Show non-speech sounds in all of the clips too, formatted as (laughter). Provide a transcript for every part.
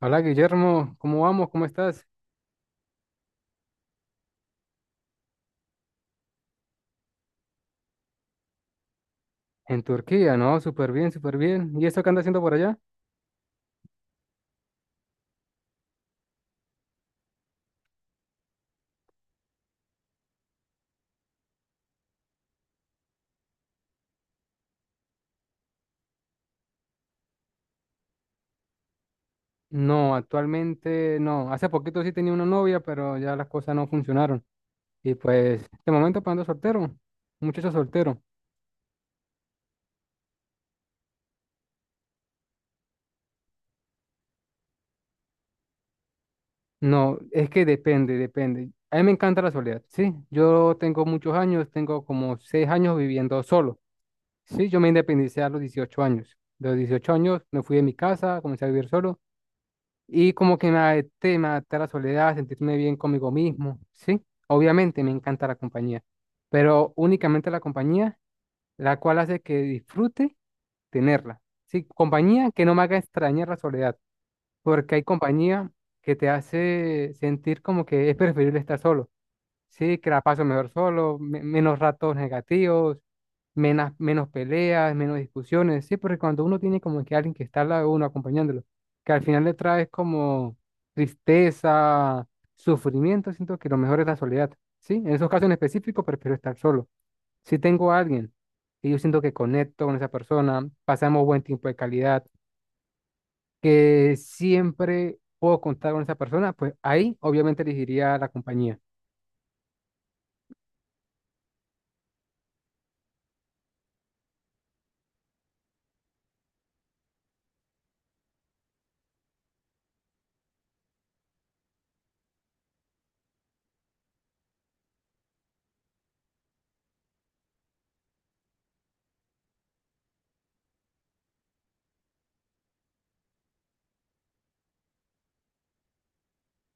Hola Guillermo, ¿cómo vamos? ¿Cómo estás? En Turquía, ¿no? Súper bien, súper bien. ¿Y eso qué anda haciendo por allá? No, actualmente no. Hace poquito sí tenía una novia, pero ya las cosas no funcionaron. Y pues, de momento pues, ando soltero, un muchacho soltero. No, es que depende, depende. A mí me encanta la soledad, ¿sí? Yo tengo muchos años, tengo como seis años viviendo solo, ¿sí? Yo me independicé a los 18 años. De los 18 años me fui de mi casa, comencé a vivir solo. Y como que me adapté a la soledad, a sentirme bien conmigo mismo, ¿sí? Obviamente me encanta la compañía, pero únicamente la compañía, la cual hace que disfrute tenerla, ¿sí? Compañía que no me haga extrañar la soledad, porque hay compañía que te hace sentir como que es preferible estar solo. Sí, que la paso mejor solo, menos ratos negativos, menos, menos peleas, menos discusiones. Sí, porque cuando uno tiene como que alguien que está al lado de uno acompañándolo, que al final le trae como tristeza, sufrimiento, siento que lo mejor es la soledad. Sí, en esos casos en específico prefiero estar solo. Si tengo a alguien y yo siento que conecto con esa persona, pasamos buen tiempo de calidad, que siempre puedo contar con esa persona, pues ahí obviamente elegiría la compañía.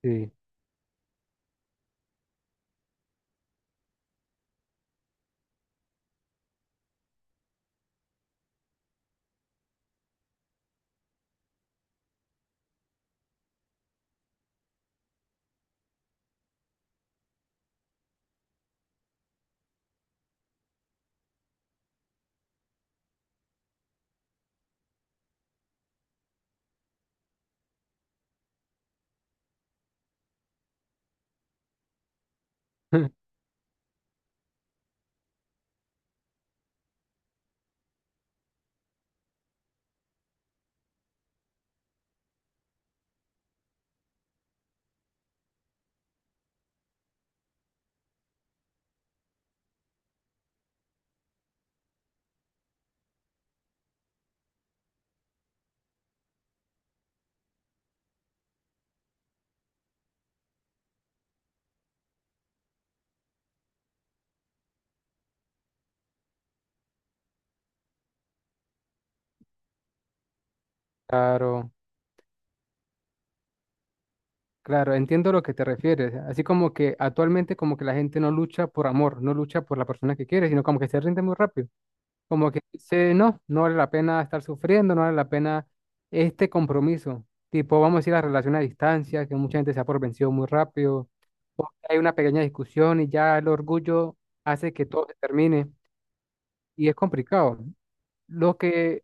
Sí, (laughs) claro. Claro, entiendo lo que te refieres. Así como que actualmente como que la gente no lucha por amor, no lucha por la persona que quiere, sino como que se rinde muy rápido. Como que dice, no, no vale la pena estar sufriendo, no vale la pena este compromiso. Tipo, vamos a decir la relación a distancia, que mucha gente se ha por vencido muy rápido. O que hay una pequeña discusión y ya el orgullo hace que todo se termine y es complicado. Lo que,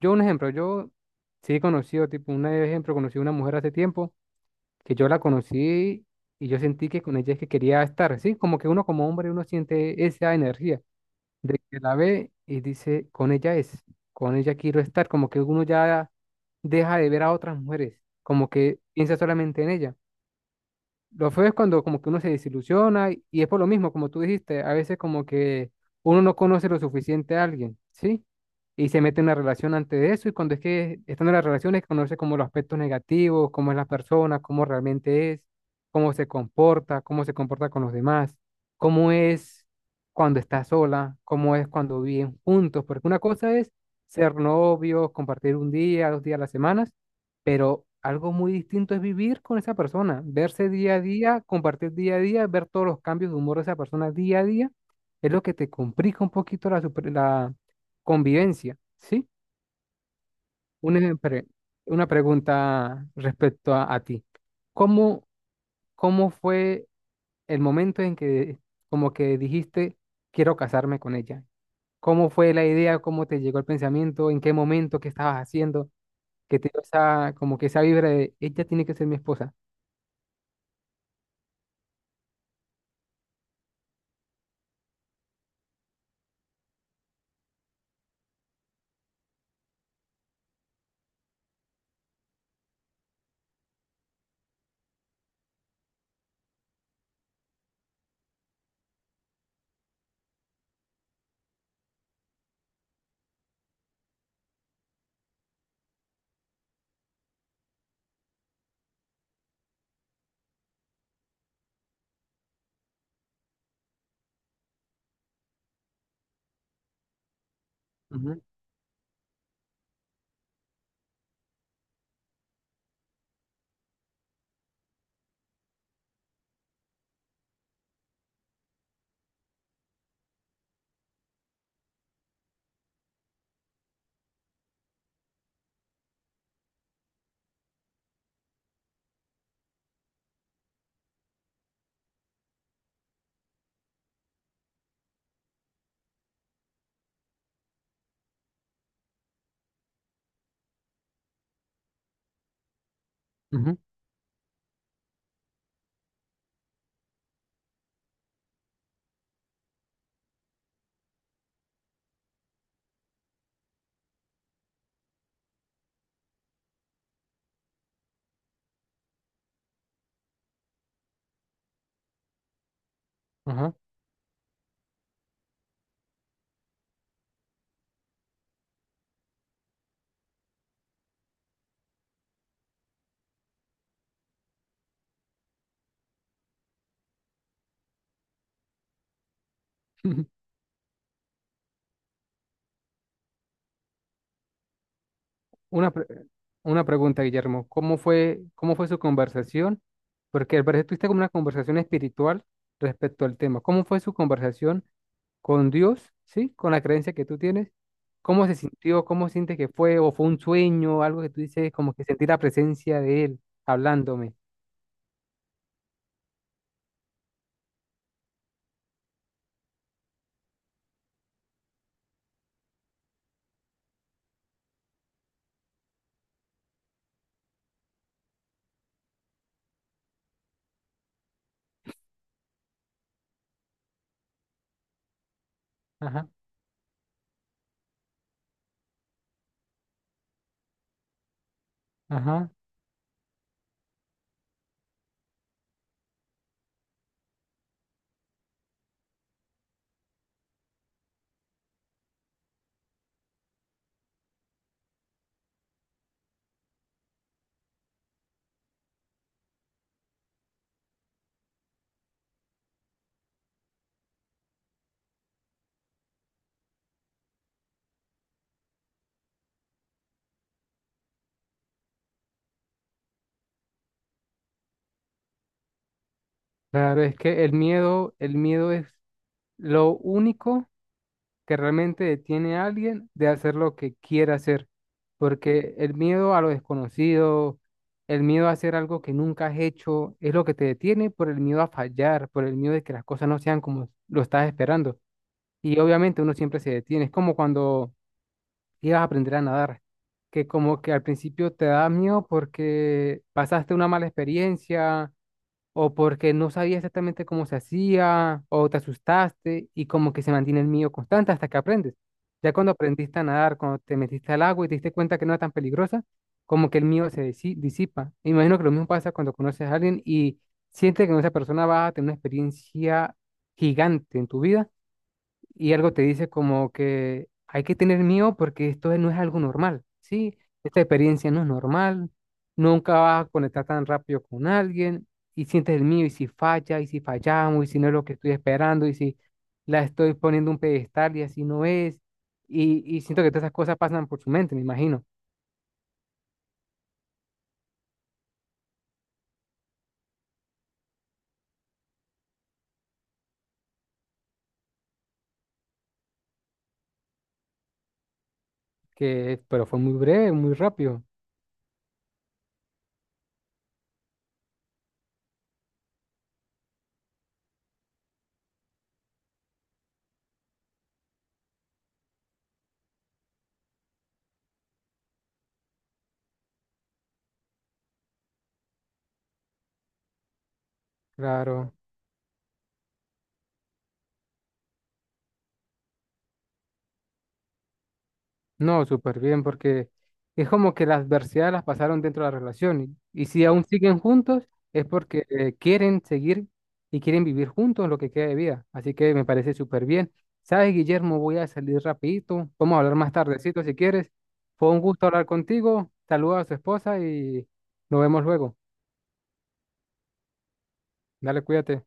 yo un ejemplo, yo sí he conocido, tipo, un ejemplo, conocí a una mujer hace tiempo que yo la conocí y yo sentí que con ella es que quería estar, ¿sí? Como que uno como hombre, uno siente esa energía de que la ve y dice, con ella es, con ella quiero estar, como que uno ya deja de ver a otras mujeres, como que piensa solamente en ella. Lo feo es cuando como que uno se desilusiona y es por lo mismo, como tú dijiste, a veces como que uno no conoce lo suficiente a alguien, ¿sí? Y se mete en una relación antes de eso y cuando es que están en las relaciones conoce como los aspectos negativos, cómo es la persona, cómo realmente es, cómo se comporta con los demás, cómo es cuando está sola, cómo es cuando viven juntos, porque una cosa es ser novios, compartir un día, dos días a la semana, pero algo muy distinto es vivir con esa persona, verse día a día, compartir día a día, ver todos los cambios de humor de esa persona día a día, es lo que te complica un poquito la, la convivencia, ¿sí? Una, pre- una pregunta respecto a ti. ¿Cómo, cómo fue el momento en que como que dijiste, quiero casarme con ella? ¿Cómo fue la idea? ¿Cómo te llegó el pensamiento? ¿En qué momento? ¿Qué estabas haciendo? Que te dio esa, como que esa vibra de, ella tiene que ser mi esposa. Ujú, ujú, ajá. (laughs) Una, pre- una pregunta, Guillermo. Cómo fue su conversación? Porque al parecer tuviste como una conversación espiritual respecto al tema. ¿Cómo fue su conversación con Dios, sí? Con la creencia que tú tienes. ¿Cómo se sintió? ¿Cómo sientes que fue? ¿O fue un sueño? Algo que tú dices, como que sentí la presencia de Él hablándome. Ajá, ajá. Claro, es que el miedo es lo único que realmente detiene a alguien de hacer lo que quiere hacer. Porque el miedo a lo desconocido, el miedo a hacer algo que nunca has hecho, es lo que te detiene por el miedo a fallar, por el miedo de que las cosas no sean como lo estás esperando. Y obviamente uno siempre se detiene. Es como cuando ibas a aprender a nadar, que como que al principio te da miedo porque pasaste una mala experiencia o porque no sabía exactamente cómo se hacía, o te asustaste y como que se mantiene el miedo constante hasta que aprendes. Ya cuando aprendiste a nadar, cuando te metiste al agua y te diste cuenta que no era tan peligrosa, como que el miedo se disipa. Me imagino que lo mismo pasa cuando conoces a alguien y sientes que con esa persona vas a tener una experiencia gigante en tu vida y algo te dice como que hay que tener miedo porque esto no es algo normal, ¿sí? Esta experiencia no es normal, nunca vas a conectar tan rápido con alguien y sientes el miedo y si falla y si fallamos y si no es lo que estoy esperando y si la estoy poniendo un pedestal y así no es y siento que todas esas cosas pasan por su mente, me imagino, que pero fue muy breve, muy rápido, claro. No, súper bien, porque es como que las adversidades las pasaron dentro de la relación. Y si aún siguen juntos, es porque quieren seguir y quieren vivir juntos lo que queda de vida. Así que me parece súper bien. ¿Sabes, Guillermo? Voy a salir rapidito. Vamos a hablar más tardecito si quieres. Fue un gusto hablar contigo. Saluda a su esposa y nos vemos luego. Dale, cuídate.